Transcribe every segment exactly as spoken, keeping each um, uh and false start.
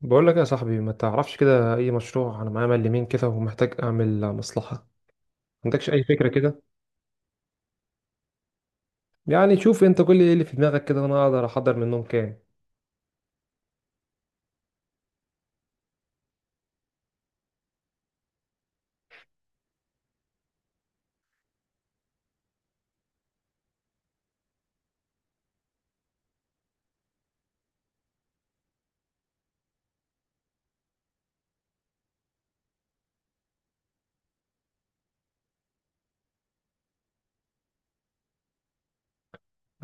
بقول لك يا صاحبي، ما تعرفش كده اي مشروع؟ انا معايا مال يمين كده ومحتاج اعمل مصلحه، ما عندكش اي فكره كده؟ يعني شوف انت كل ايه اللي في دماغك كده وانا اقدر احضر منهم كام.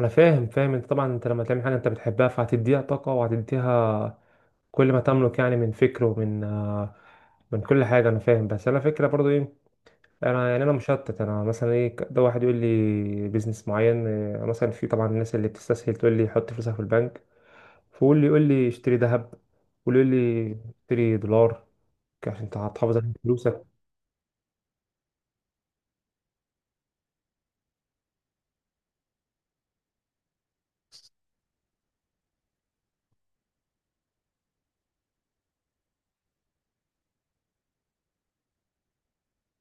انا فاهم، فاهم. انت طبعا، انت لما تعمل حاجه انت بتحبها فهتديها طاقه وهتديها كل ما تملك. يعني من فكر ومن آه، من كل حاجه. انا فاهم، بس انا فكره برضو ايه. انا يعني انا مشتت. انا مثلا ايه ده، واحد يقول لي بيزنس معين، آه، مثلا. في طبعا الناس اللي بتستسهل تقول لي حط فلوسك في البنك، فقول لي يقول لي اشتري ذهب، ويقول لي اشتري دولار عشان انت هتحافظ على فلوسك.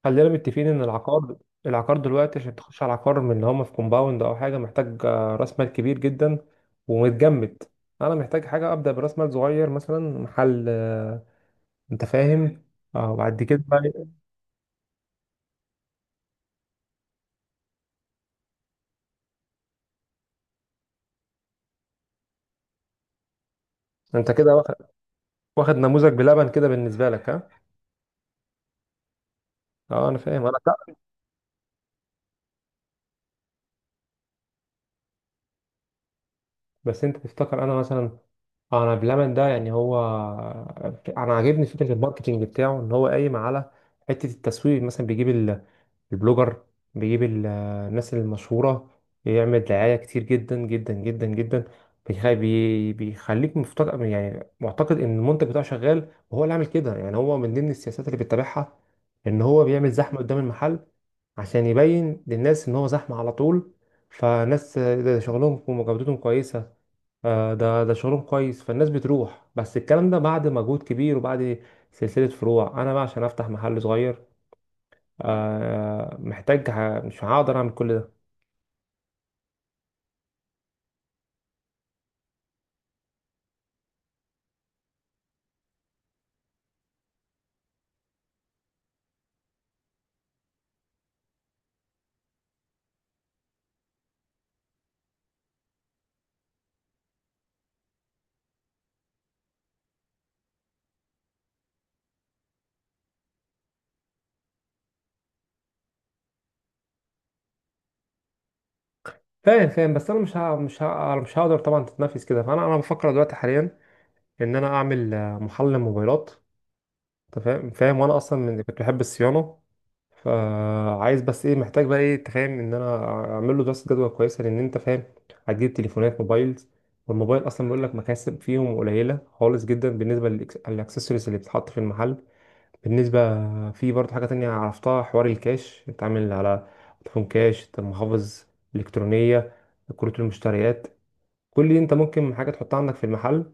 خلينا متفقين ان العقار العقار دلوقتي عشان تخش على عقار من اللي هم في كومباوند او حاجه، محتاج آه، راس مال كبير جدا ومتجمد. انا محتاج حاجه ابدا براس مال صغير، مثلا محل، آه، انت فاهم. اه، وبعد كده بقى، انت كده واخد، واخد نموذج بلبن كده بالنسبه لك ها؟ اه انا فاهم. انا لا، بس انت تفتكر انا مثلا، انا بلمن ده يعني هو، انا عاجبني فكره الماركتينج بتاعه ان هو قايم على حته التسويق، مثلا بيجيب ال- البلوجر، بيجيب ال- الناس المشهوره، يعمل دعايه كتير جدا جدا جدا جدا. بيخ- بي- بيخليك مفتقد يعني معتقد ان المنتج بتاعه شغال، وهو اللي عامل كده. يعني هو من ضمن السياسات اللي بيتبعها ان هو بيعمل زحمه قدام المحل عشان يبين للناس ان هو زحمه على طول، فناس ده شغلهم وجودتهم كويسه. آه، ده ده شغلهم كويس، فالناس بتروح. بس الكلام ده بعد مجهود كبير وبعد سلسلة فروع. انا بقى عشان افتح محل صغير، آه، محتاج ه- مش هقدر اعمل كل ده. فاهم، فاهم. بس انا مش ه- مش ه- مش هقدر طبعا تتنافس كده. فانا انا بفكر دلوقتي حاليا ان انا اعمل آه، محل موبايلات، انت فاهم، فاهم. وانا اصلا من كنت بحب الصيانة، فعايز بس ايه، محتاج بقى ايه، تفهم ان انا اعمل له دراسه جدوى كويسه، لان انت فاهم هتجيب تليفونات موبايلز، والموبايل اصلا بيقول لك مكاسب فيهم قليله خالص جدا بالنسبه للإكس- للاكسسوارز اللي بتتحط في المحل. بالنسبه، في برضه حاجه تانية عرفتها، حوار الكاش بتعمل على فودافون كاش، المحافظ الالكترونيه، كروت المشتريات. كل دي انت ممكن حاجه تحطها عندك في المحل.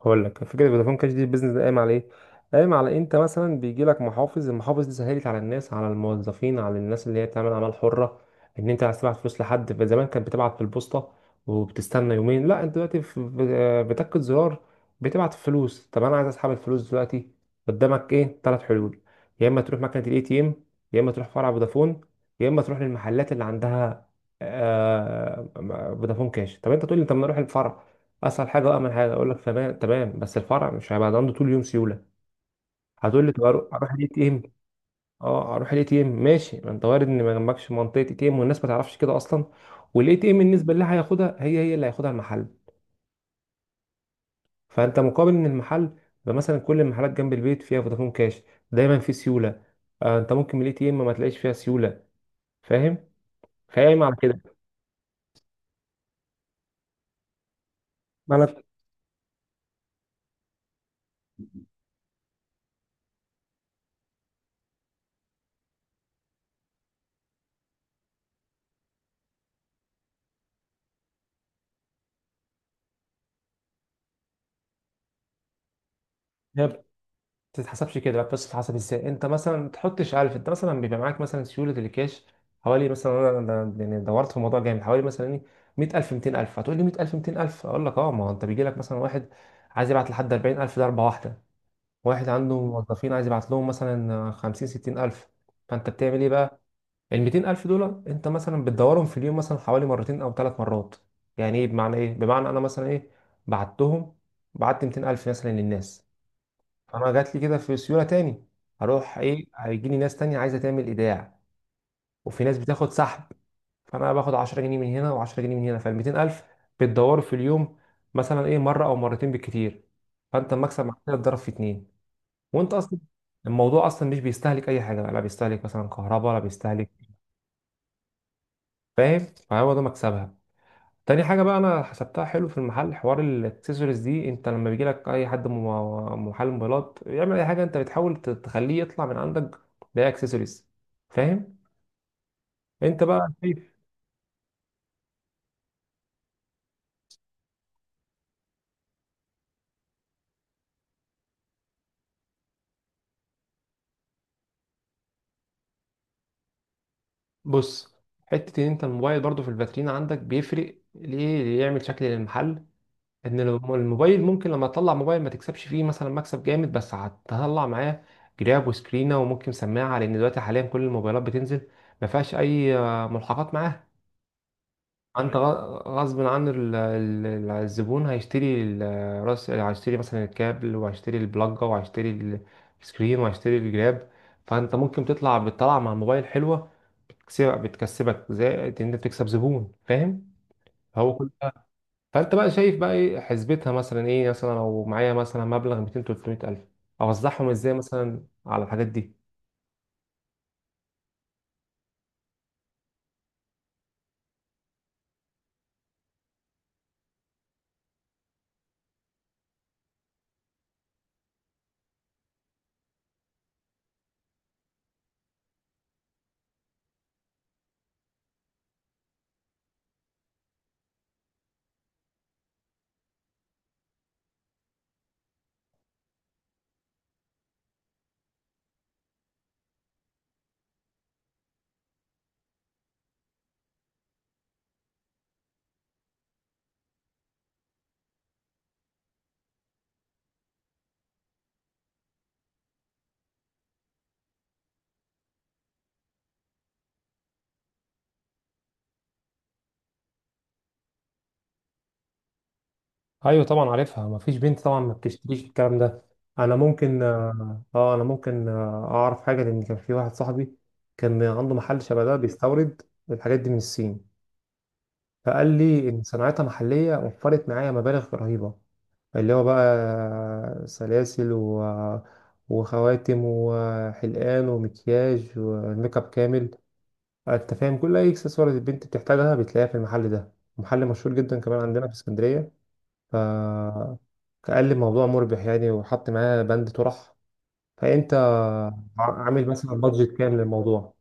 هقول لك فكره فودافون كاش دي. البيزنس ده قايم على ايه قايم على إيه؟ انت مثلا بيجي لك محافظ المحافظ دي سهلت على الناس، على الموظفين، على الناس اللي هي بتعمل اعمال حره، ان انت عايز تبعت فلوس لحد. زمان كانت بتبعت في البوسطه وبتستنى يومين. لا، انت دلوقتي في- ب- بتكة زرار بتبعت فلوس. طب انا عايز اسحب الفلوس دلوقتي، قدامك ايه ثلاث حلول: يا اما تروح مكنه الاي تي ام، يا اما تروح فرع فودافون، يا اما تروح للمحلات اللي عندها آه، فودافون كاش. طب انت تقول لي طب ما اروح الفرع، اسهل حاجه وامن حاجه. اقول لك تمام، تمام، بس الفرع مش هيبقى عنده طول اليوم سيوله. هتقول لي طب أرو- اروح الاي تي ام. اه، اروح الاي تي ام ماشي، ما انت وارد ان ما جنبكش منطقه اي تي ام، والناس ما تعرفش كده اصلا. والاي تي ام النسبه اللي هياخدها هي هي اللي هياخدها المحل. فانت مقابل ان المحل يبقى مثلا كل المحلات جنب البيت فيها فودافون كاش، دايما في سيوله. آه، انت ممكن من الاي تي ام ما تلاقيش فيها سيوله، فاهم، فاهم على كده. ما انا هي تتحسبش كده بقى، بس تتحسب ازاي؟ انت مثلا ما تحطش الف. انت مثلا بيبقى معاك مثلا سيوله الكاش حوالي مثلا، انا أنا يعني دورت في الموضوع جامد، حوالي مثلا ايه، مائة الف ميتين الف. هتقول لي مائة الف ميتين الف، اقول لك اه، ما هو انت بيجي لك مثلا واحد عايز يبعت لحد اربعين الف، ده ضربه واحده. واحد عنده موظفين عايز يبعت لهم مثلا خمسين ستين الف. فانت بتعمل ايه بقى؟ ال ميتين الف دول انت مثلا بتدورهم في اليوم مثلا حوالي مرتين او ثلاث مرات. يعني ايه، بمعنى ايه؟ بمعنى انا مثلا ايه، بعتهم بعت ميتين الف مثلا للناس. فانا جات لي كده في سيوله تاني. هروح ايه، هيجي لي ناس تانية عايزه تعمل ايداع، وفي ناس بتاخد سحب. فانا باخد عشرة جنيه من هنا و عشرة جنيه من هنا. فال ميتين الف بتدوروا في اليوم مثلا ايه، مره او مرتين بالكتير. فانت المكسب معاك كده اتضرب في اتنين. وانت اصلا الموضوع اصلا مش بيستهلك اي حاجه، لا بيستهلك مثلا كهرباء ولا بيستهلك. فاهم؟ فهو ده مكسبها. تاني حاجة بقى أنا حسبتها حلو في المحل، حوار الأكسسوارز دي. أنت لما بيجيلك أي حد م- محل موبايلات يعمل أي حاجة، أنت بتحاول ت- تخليه يطلع من عندك بأي أكسسوارز. فاهم؟ أنت بقى شايف. بص، حتة إن أنت الموبايل برضو في الفاترين عندك بيفرق، ليه؟ يعمل شكل للمحل. إن الم- الموبايل ممكن لما تطلع موبايل ما تكسبش فيه مثلا مكسب جامد، بس هتطلع معاه جراب وسكرينة وممكن سماعة، لأن دلوقتي حاليا كل الموبايلات بتنزل ما فيهاش أي آه، ملحقات معاها. انت غ- غصب عن ال- ال- الزبون، هيشتري ال- راس، هيشتري مثلا الكابل، وهيشتري البلاجة، وهيشتري السكرين، وهيشتري الجراب. فانت ممكن تطلع، بتطلع مع موبايل حلوة، بتكسبك بتكسبك زي ان انت بتكسب زبون، فاهم، هو كل ده. فانت بقى شايف بقى ايه حسبتها مثلا، ايه مثلا لو معايا مثلا مبلغ مائتين ثلاثمية الف، اوزعهم ازاي مثلا على الحاجات دي؟ ايوه طبعا عارفها، مفيش بنت طبعا ما بتشتريش الكلام ده. انا ممكن اه آه، انا ممكن آه، اعرف حاجه، لان كان في واحد صاحبي كان عنده محل شبه ده، بيستورد الحاجات دي من الصين. فقال لي ان صناعتها محليه وفرت معايا مبالغ رهيبه، اللي هو بقى آه، سلاسل و... آه، وخواتم وحلقان ومكياج وميك اب كامل. انت فاهم، كل اي اكسسوارات البنت بتحتاجها بتلاقيها في المحل ده، محل مشهور جدا كمان عندنا في اسكندريه. ف، كقلب موضوع مربح يعني، وحط معاه بند طرح. فانت عامل مثلا بادجت كام للموضوع؟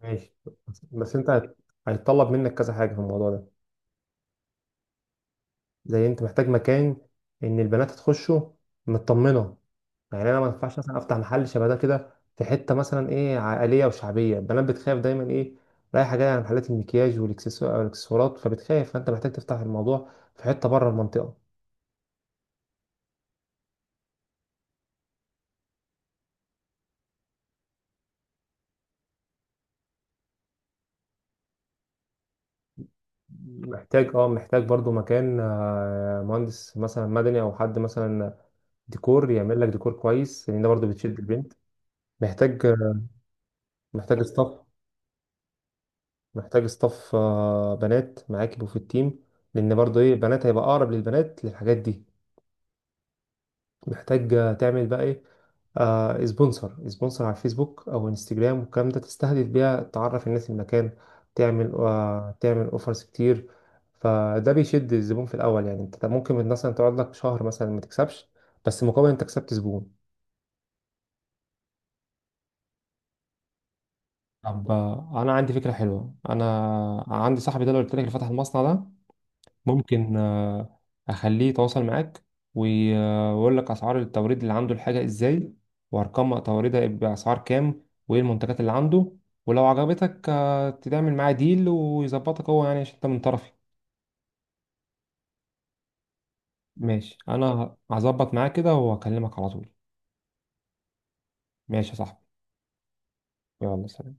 ماشي. بس بس انت هت- هيتطلب منك كذا حاجه في الموضوع ده. زي انت محتاج مكان ان البنات تخشه مطمنه، يعني انا ما ينفعش مثلا افتح محل شبه ده كده في حته مثلا ايه عائليه وشعبيه، البنات بتخاف دايما ايه رايحه جايه على محلات المكياج والاكسسوارات، فبتخاف. فانت محتاج تفتح الموضوع في حته بره المنطقه. محتاج، اه، محتاج برضو مكان، آه، مهندس مثلا مدني او حد مثلا ديكور، يعمل لك ديكور كويس لان ده برضو بتشد البنت. محتاج آه، محتاج ستاف، محتاج ستاف آه، بنات معاك يبقوا في التيم، لان برضو ايه البنات هيبقى اقرب للبنات للحاجات دي. محتاج تعمل بقى ايه، آه سبونسر سبونسر على الفيسبوك او انستجرام والكلام ده، تستهدف بيها، تعرف الناس المكان. تعمل آه تعمل اوفرز كتير، فده بيشد الزبون في الاول. يعني انت ممكن مثلا تقعد لك شهر مثلا ما تكسبش، بس مقابل انت كسبت زبون. طب آه، انا عندي فكره حلوه. انا عندي صاحبي ده اللي قلت لك اللي فتح المصنع ده، ممكن آه، اخليه يتواصل معاك، وي- آه، ويقول لك اسعار التوريد اللي عنده، الحاجه ازاي، وارقام توريدها باسعار كام، وايه المنتجات اللي عنده، ولو عجبتك آه، تعمل معاه ديل، ويظبطك هو يعني عشان انت من طرفي. ماشي، انا هظبط معاه كده واكلمك على طول. ماشي يا صاحبي. يلا سلام.